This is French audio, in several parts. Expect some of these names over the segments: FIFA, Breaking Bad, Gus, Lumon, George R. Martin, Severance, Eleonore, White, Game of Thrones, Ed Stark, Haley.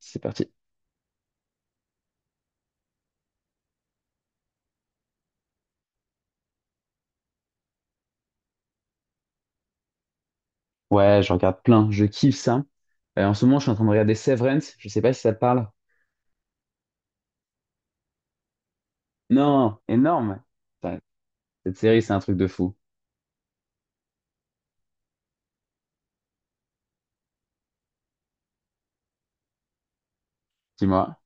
C'est parti. Ouais, je regarde plein. Je kiffe ça. En ce moment, je suis en train de regarder Severance. Je sais pas si ça te parle. Non, énorme. Putain, cette série, c'est un truc de fou. Dis-moi.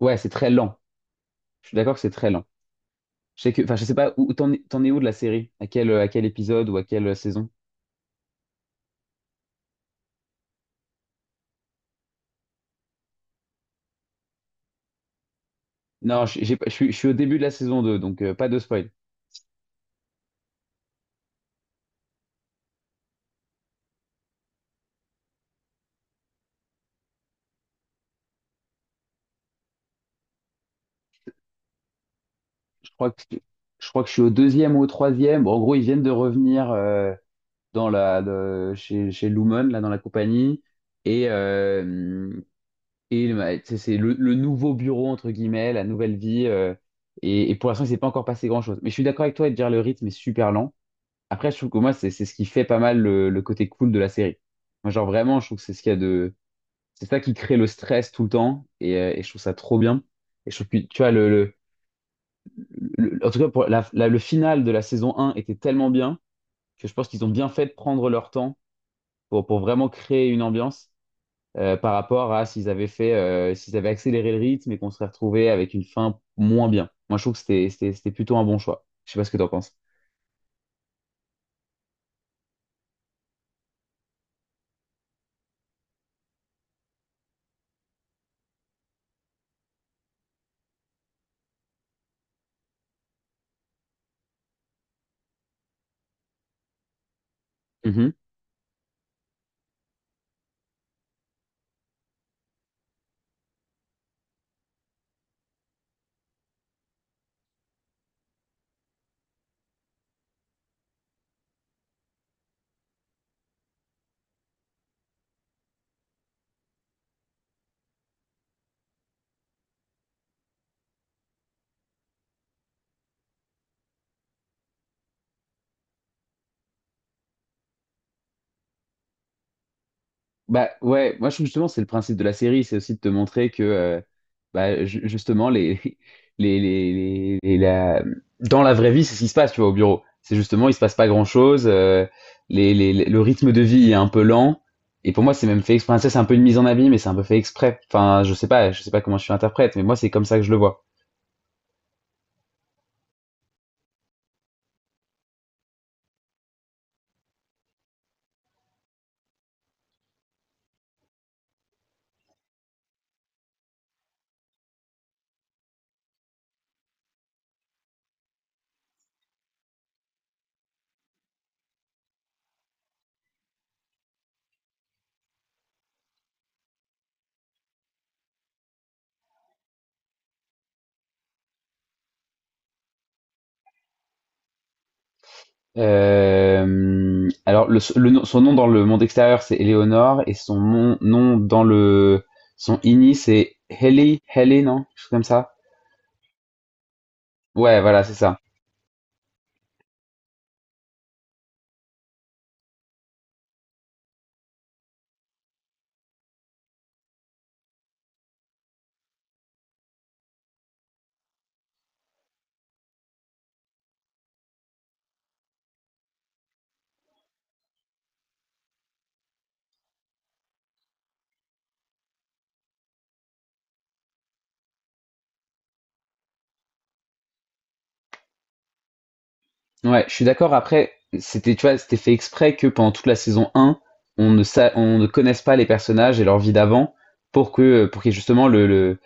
Ouais, c'est très lent. Je suis d'accord que c'est très lent. Je sais que, enfin, je sais pas où t'en es où de la série? À quel épisode ou à quelle saison? Non, je j'ai pas- je suis au début de la saison deux, donc pas de spoil. Je crois que, je crois que je suis au deuxième ou au troisième. Bon, en gros, ils viennent de revenir dans la, chez, chez Lumon, là, dans la compagnie. Et, et tu c'est le nouveau bureau, entre guillemets, la nouvelle vie. Et pour l'instant, il s'est pas encore passé grand-chose. Mais je suis d'accord avec toi de dire le rythme est super lent. Après, je trouve que moi, c'est ce qui fait pas mal le côté cool de la série. Moi, genre vraiment, je trouve que c'est ce qu'il y a de... C'est ça qui crée le stress tout le temps. Et je trouve ça trop bien. Et je trouve que, tu vois, le, en tout cas, pour la, le final de la saison un était tellement bien que je pense qu'ils ont bien fait de prendre leur temps pour vraiment créer une ambiance. Par rapport à s'ils avaient fait, s'ils avaient accéléré le rythme et qu'on serait retrouvé avec une fin moins bien. Moi, je trouve que c'était plutôt un bon choix. Je sais pas ce que t'en penses. Mhm. Bah ouais, moi je trouve justement c'est le principe de la série, c'est aussi de te montrer que bah, justement les, la... dans la vraie vie c'est ce qui se passe tu vois au bureau. C'est justement il se passe pas grand-chose, les, le rythme de vie est un peu lent et pour moi c'est même fait exprès. Ça, c'est un peu une mise en abîme mais c'est un peu fait exprès. Enfin je sais pas comment je suis interprète mais moi c'est comme ça que je le vois. Alors, le, son nom dans le monde extérieur, c'est Eleonore, et son nom dans le son ini, c'est Haley, Haley, non? Quelque chose comme ça. Ouais, voilà, c'est ça. Ouais, je suis d'accord. Après, c'était, tu vois, c'était fait exprès que pendant toute la saison un, on ne connaisse pas les personnages et leur vie d'avant pour que, pour qu'il y ait justement le,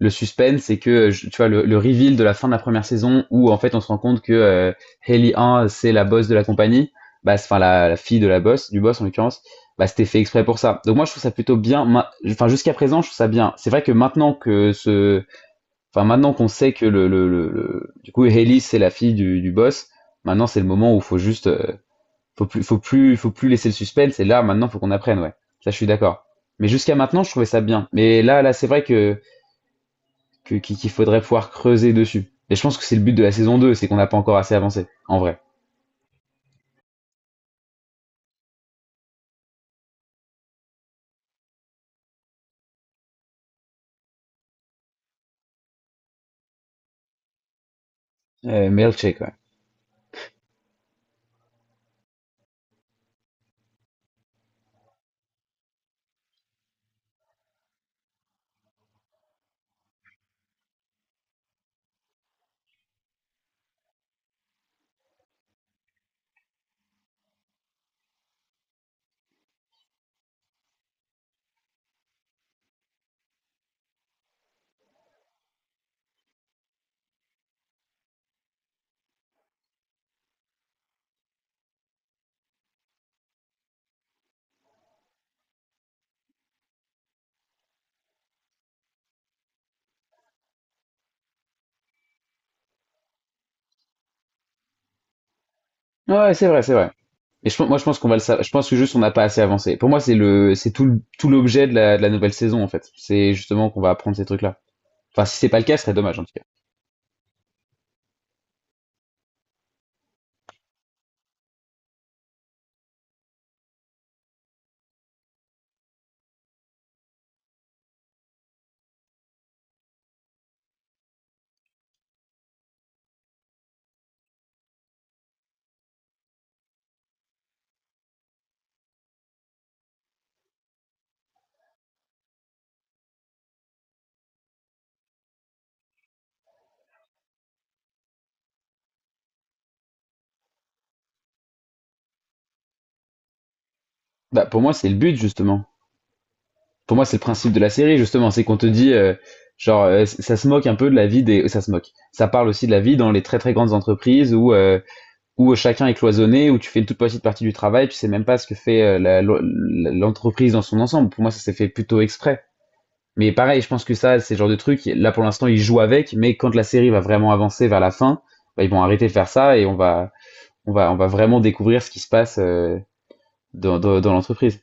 le suspense c'est que tu vois le reveal de la fin de la première saison où en fait on se rend compte que Hailey 1 c'est la boss de la compagnie bah enfin la fille de la boss du boss en l'occurrence bah c'était fait exprès pour ça donc moi je trouve ça plutôt bien enfin jusqu'à présent je trouve ça bien c'est vrai que maintenant que ce enfin maintenant qu'on sait que le du coup Hailey c'est la fille du boss maintenant c'est le moment où faut juste faut plus laisser le suspense et là maintenant faut qu'on apprenne ouais ça je suis d'accord mais jusqu'à maintenant je trouvais ça bien mais là là c'est vrai que qu'il faudrait pouvoir creuser dessus. Et je pense que c'est le but de la saison 2, c'est qu'on n'a pas encore assez avancé, en vrai. Mais check, ouais. Ouais, c'est vrai, c'est vrai. Et je, moi, je pense qu'on va le savoir. Je pense que juste on n'a pas assez avancé. Pour moi, c'est le, c'est tout, tout l'objet de la nouvelle saison, en fait. C'est justement qu'on va apprendre ces trucs-là. Enfin, si c'est pas le cas, ce serait dommage, en tout cas. Bah, pour moi, c'est le but, justement. Pour moi, c'est le principe de la série, justement. C'est qu'on te dit, genre, ça se moque un peu de la vie des, ça se moque. Ça parle aussi de la vie dans les très très grandes entreprises où où chacun est cloisonné, où tu fais une toute petite partie du travail, tu sais même pas ce que fait l'entreprise dans son ensemble. Pour moi, ça s'est fait plutôt exprès. Mais pareil, je pense que ça, c'est le genre de truc, là pour l'instant, ils jouent avec, mais quand la série va vraiment avancer vers la fin, bah, ils vont arrêter de faire ça et on va vraiment découvrir ce qui se passe dans l'entreprise.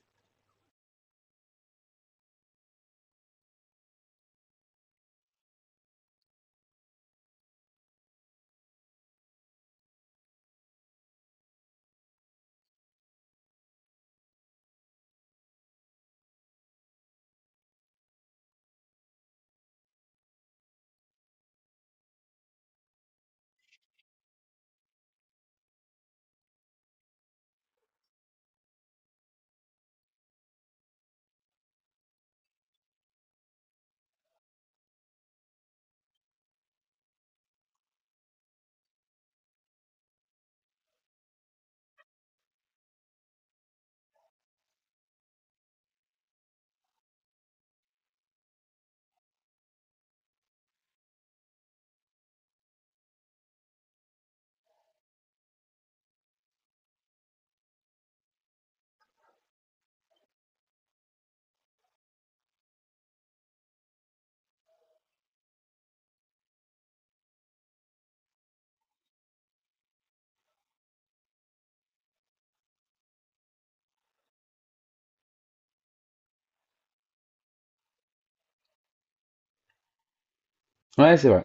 Ouais, c'est vrai.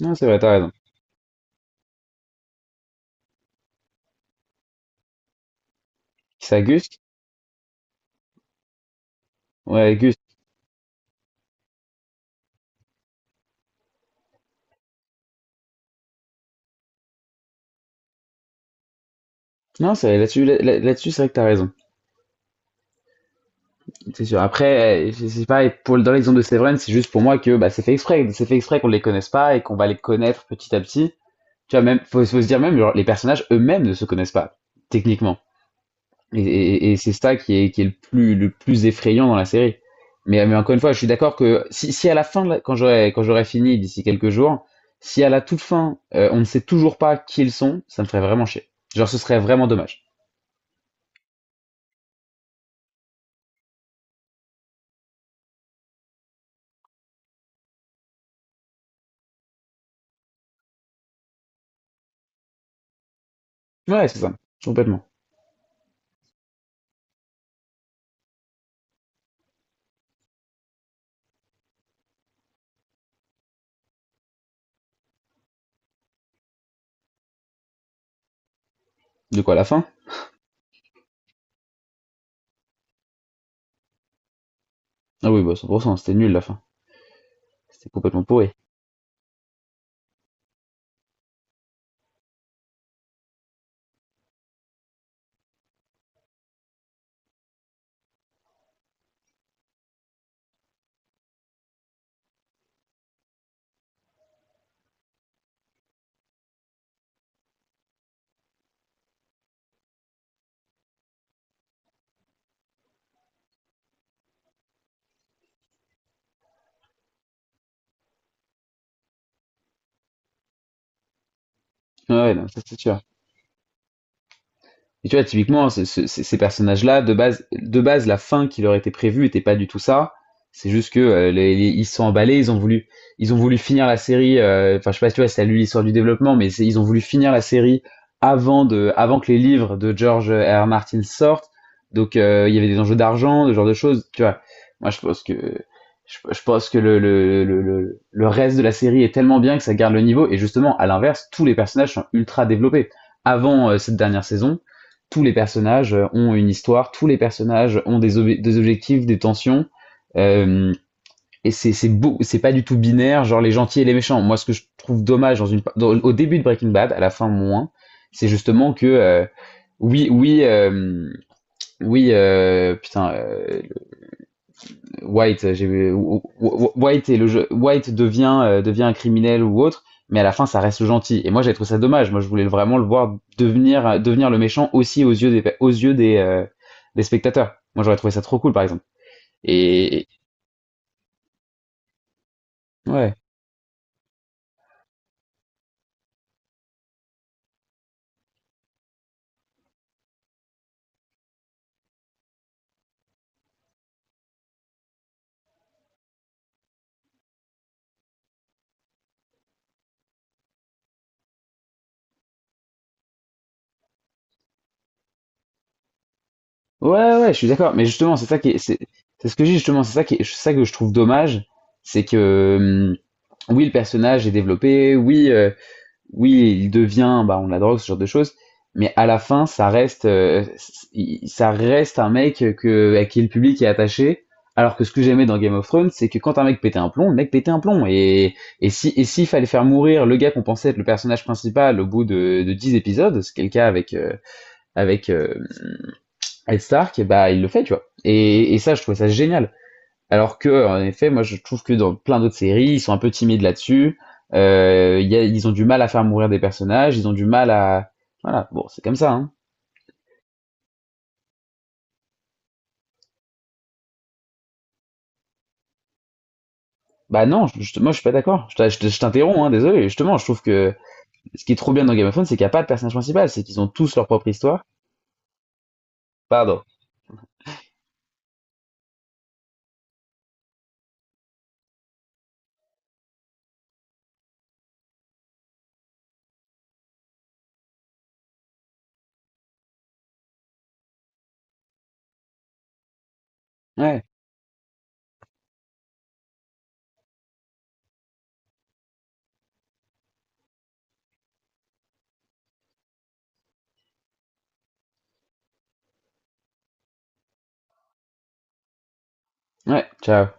Non, c'est vrai, t'as raison. C'est à Gus? Ouais, Gus. Non, c'est vrai, là-dessus, c'est vrai que t'as raison. C'est sûr. Après, je sais pas, et pour, dans l'exemple de Severance, c'est juste pour moi que bah, c'est fait exprès. C'est fait exprès qu'on les connaisse pas et qu'on va les connaître petit à petit. Tu vois, même, faut se dire même, genre, les personnages eux-mêmes ne se connaissent pas, techniquement. Et, et c'est ça qui est le plus effrayant dans la série. Mais encore une fois, je suis d'accord que si, si à la fin, quand j'aurai fini d'ici quelques jours, si à la toute fin, on ne sait toujours pas qui ils sont, ça me ferait vraiment chier. Genre, ce serait vraiment dommage. Ouais, c'est ça. Complètement. De quoi, la fin? Ah oui, bah, 100%, c'était nul la fin. C'était complètement pourri. Ouais, non, ça c'est sûr. Et tu vois, typiquement, ces personnages-là, de base, la fin qui leur était prévue était pas du tout ça. C'est juste que ils se sont emballés, ils ont voulu finir la série. Enfin, je sais pas si tu vois, si t'as lu l'histoire du développement, mais ils ont voulu finir la série avant de, avant que les livres de George R. Martin sortent. Donc, il y avait des enjeux d'argent, ce genre de choses. Tu vois, moi, je pense que le reste de la série est tellement bien que ça garde le niveau. Et justement, à l'inverse, tous les personnages sont ultra développés avant cette dernière saison tous les personnages ont une histoire, tous les personnages ont des, des objectifs, des tensions. euh, et c'est beau, c'est pas du tout binaire, genre les gentils et les méchants. Moi, ce que je trouve dommage dans une, au début de Breaking Bad, à la fin moins, c'est justement que oui, oui, oui, putain, White, White est le jeu, White devient devient un criminel ou autre, mais à la fin ça reste le gentil. Et moi j'ai trouvé ça dommage. Moi je voulais vraiment le voir devenir devenir le méchant aussi aux yeux des aux yeux des des spectateurs. Moi j'aurais trouvé ça trop cool par exemple. Et ouais, ouais ouais, je suis d'accord. Mais justement c'est ça qui est- c'est ce que je justement c'est ça qui est, c'est ça que je trouve dommage, c'est que oui le personnage est développé, oui, il devient, bah, on la drogue, ce genre de choses. Mais à la fin, ça reste, ça reste un mec que, à qui le public est attaché. Alors que ce que j'aimais dans Game of Thrones, c'est que quand un mec pétait un plomb, le mec pétait un plomb. Et si, et s'il fallait faire mourir le gars qu'on pensait être le personnage principal au bout de 10 épisodes, c'est le cas avec, avec Ed Stark, bah, il le fait, tu vois. Et ça, je trouvais ça génial. Alors que, en effet, moi je trouve que dans plein d'autres séries, ils sont un peu timides là-dessus. Ils ont du mal à faire mourir des personnages, ils ont du mal à... Voilà, bon, c'est comme ça, hein. Bah non, moi je suis pas d'accord. Je t'interromps, hein, désolé. Justement, je trouve que ce qui est trop bien dans Game of Thrones, c'est qu'il n'y a pas de personnage principal, c'est qu'ils ont tous leur propre histoire. Pardon. Ouais, ouais, ciao.